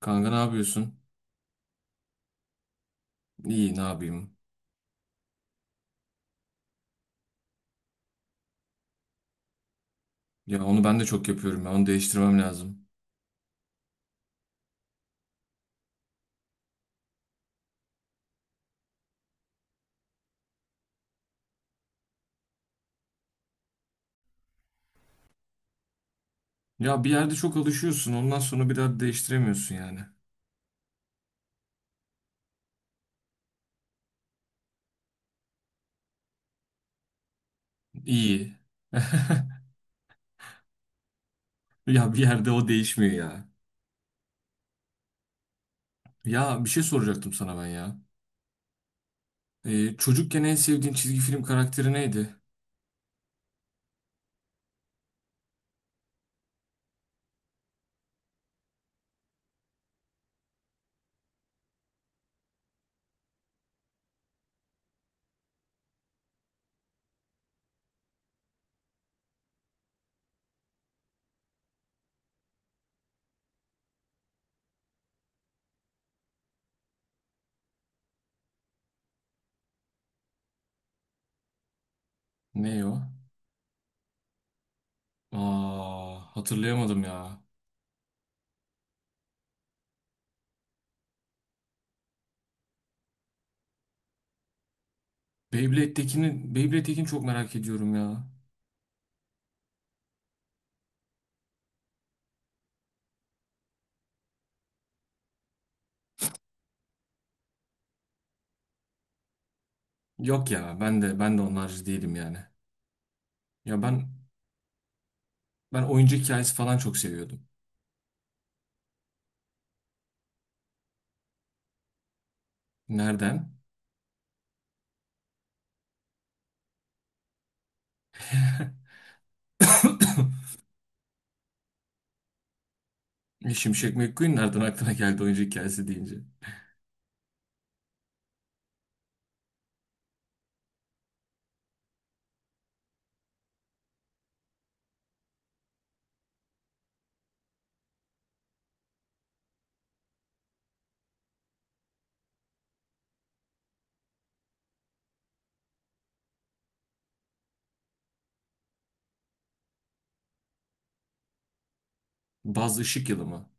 Kanka ne yapıyorsun? İyi ne yapayım? Ya onu ben de çok yapıyorum ya. Onu değiştirmem lazım. Ya bir yerde çok alışıyorsun. Ondan sonra bir daha değiştiremiyorsun yani. İyi. Ya bir yerde o değişmiyor ya. Ya bir şey soracaktım sana ben ya. Çocukken en sevdiğin çizgi film karakteri neydi? Ne o? Aa, hatırlayamadım ya. Beyblade'dekini çok merak ediyorum ya. Yok ya ben de onlarcı değilim yani. Ya ben oyuncak hikayesi falan çok seviyordum. Nereden? Şimşek McQueen nereden aklına geldi oyuncu hikayesi deyince? Buzz Işık Yılı mı?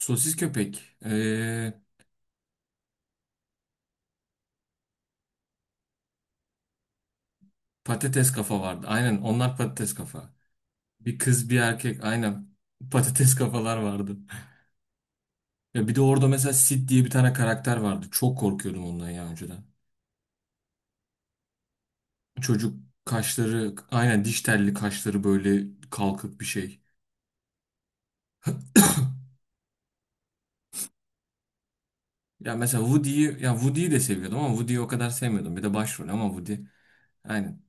Sosis Köpek. Patates kafa vardı. Aynen onlar Patates Kafa. Bir kız bir erkek. Aynen. Patates kafalar vardı. Ya bir de orada mesela Sid diye bir tane karakter vardı. Çok korkuyordum ondan ya önceden. Çocuk kaşları aynen diş telli kaşları böyle kalkık bir şey. Ya mesela Woody'yi, Woody'yi de seviyordum ama Woody'yi o kadar sevmiyordum. Bir de başrol ama Woody. Aynen.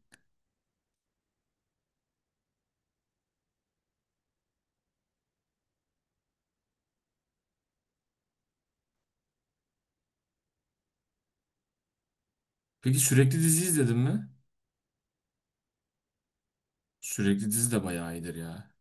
Peki sürekli dizi izledin mi? Sürekli dizi de bayağı iyidir ya.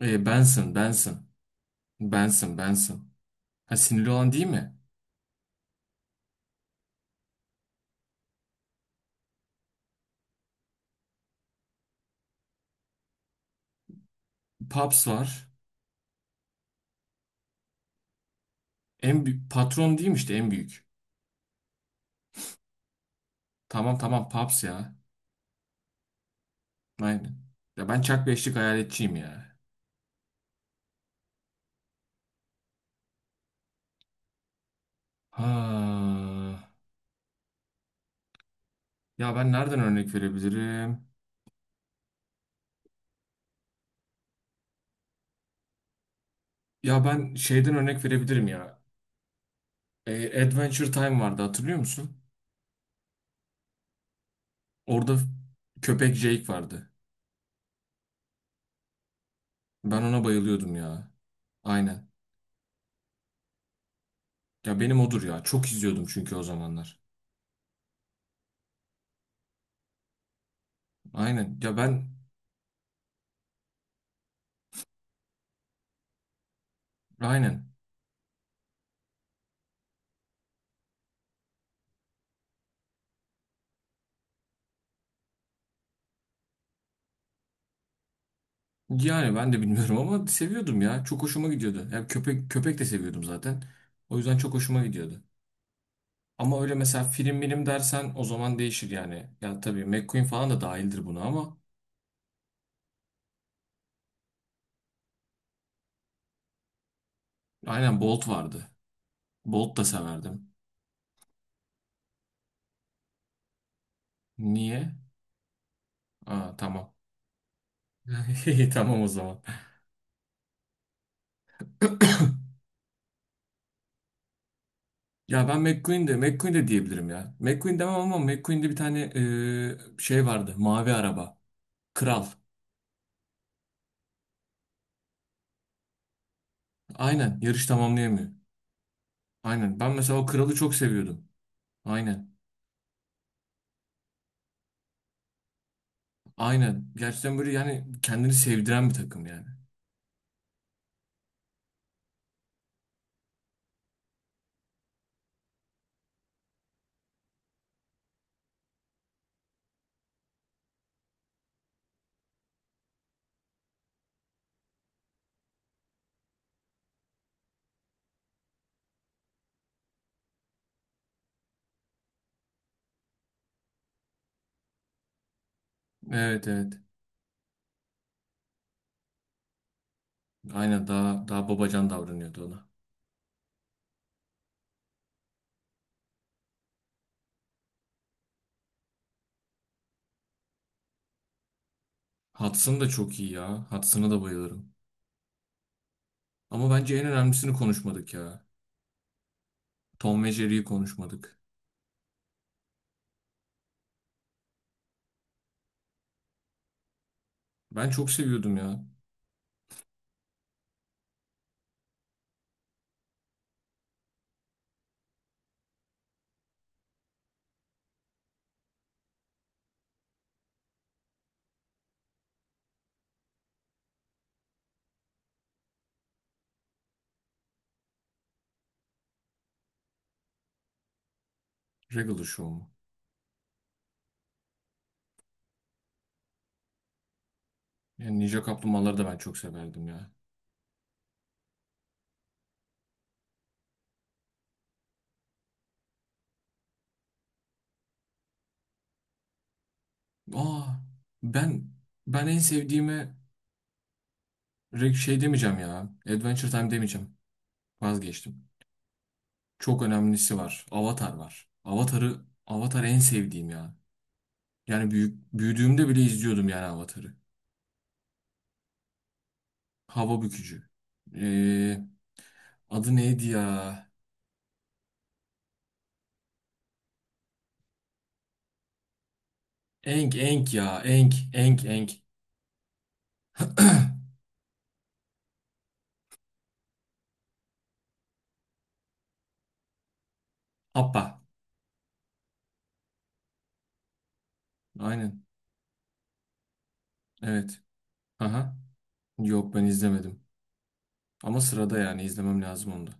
Benson, Benson. Benson, Benson. Ha sinirli olan değil mi? Pops var. En büyük patron değil mi işte en büyük? Tamam tamam Pops ya. Aynen. Ya ben Chuck Beşlik hayaletçiyim ya. Ha. Ya ben nereden örnek verebilirim? Ya ben şeyden örnek verebilirim ya. Adventure Time vardı hatırlıyor musun? Orada köpek Jake vardı. Ben ona bayılıyordum ya. Aynen. Ya benim odur ya. Çok izliyordum çünkü o zamanlar. Aynen. Ya ben aynen. Yani ben de bilmiyorum ama seviyordum ya. Çok hoşuma gidiyordu. Ya köpek köpek de seviyordum zaten. O yüzden çok hoşuma gidiyordu. Ama öyle mesela film bilim dersen o zaman değişir yani. Ya tabii McQueen falan da dahildir buna ama aynen Bolt vardı. Bolt da severdim. Niye? Aa tamam. Tamam o zaman. Ya ben McQueen de diyebilirim ya. McQueen demem ama McQueen'de bir tane şey vardı. Mavi araba. Kral. Aynen yarış tamamlayamıyor. Aynen. Ben mesela o kralı çok seviyordum. Aynen. Aynen. Gerçekten böyle yani kendini sevdiren bir takım yani. Evet evet. Aynen daha daha babacan davranıyordu ona. Hudson da çok iyi ya. Hudson'a da bayılırım. Ama bence en önemlisini konuşmadık ya. Tom ve Jerry'yi konuşmadık. Ben çok seviyordum ya. Regular Show'u. Yani Ninja Kaplumbağaları da ben çok severdim ya. Aa, ben ben en sevdiğime şey demeyeceğim ya. Adventure Time demeyeceğim. Vazgeçtim. Çok önemlisi var. Avatar var. Avatar en sevdiğim ya. Yani büyük, büyüdüğümde bile izliyordum yani Avatar'ı. Hava bükücü. Ee, Adı neydi ya? Enk Enk Enk. Appa. Aynen. Evet. Aha. Yok ben izlemedim. Ama sırada yani izlemem lazım onu da.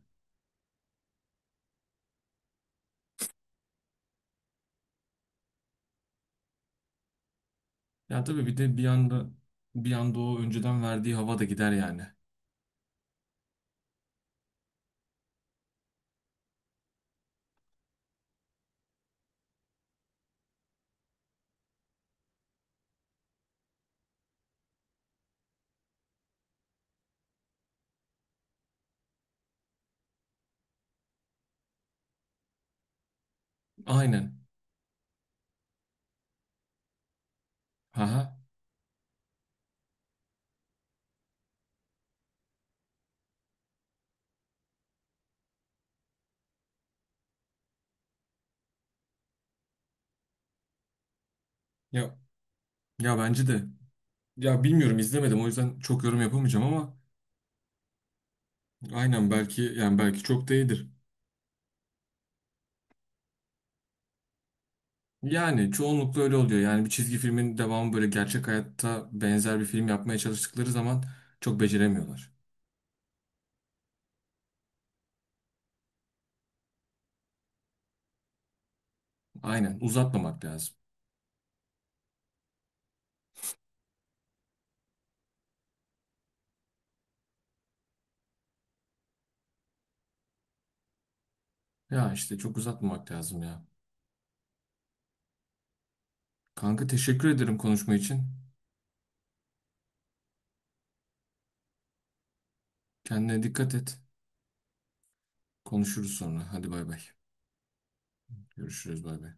Ya tabii bir de bir anda o önceden verdiği hava da gider yani. Aynen. Aha. Ya bence de. Ya bilmiyorum izlemedim o yüzden çok yorum yapamayacağım ama aynen belki yani belki çok da iyidir. Yani çoğunlukla öyle oluyor. Yani bir çizgi filmin devamı böyle gerçek hayatta benzer bir film yapmaya çalıştıkları zaman çok beceremiyorlar. Aynen uzatmamak lazım. Ya işte çok uzatmamak lazım ya. Kanka teşekkür ederim konuşma için. Kendine dikkat et. Konuşuruz sonra. Hadi bay bay. Görüşürüz bay bay.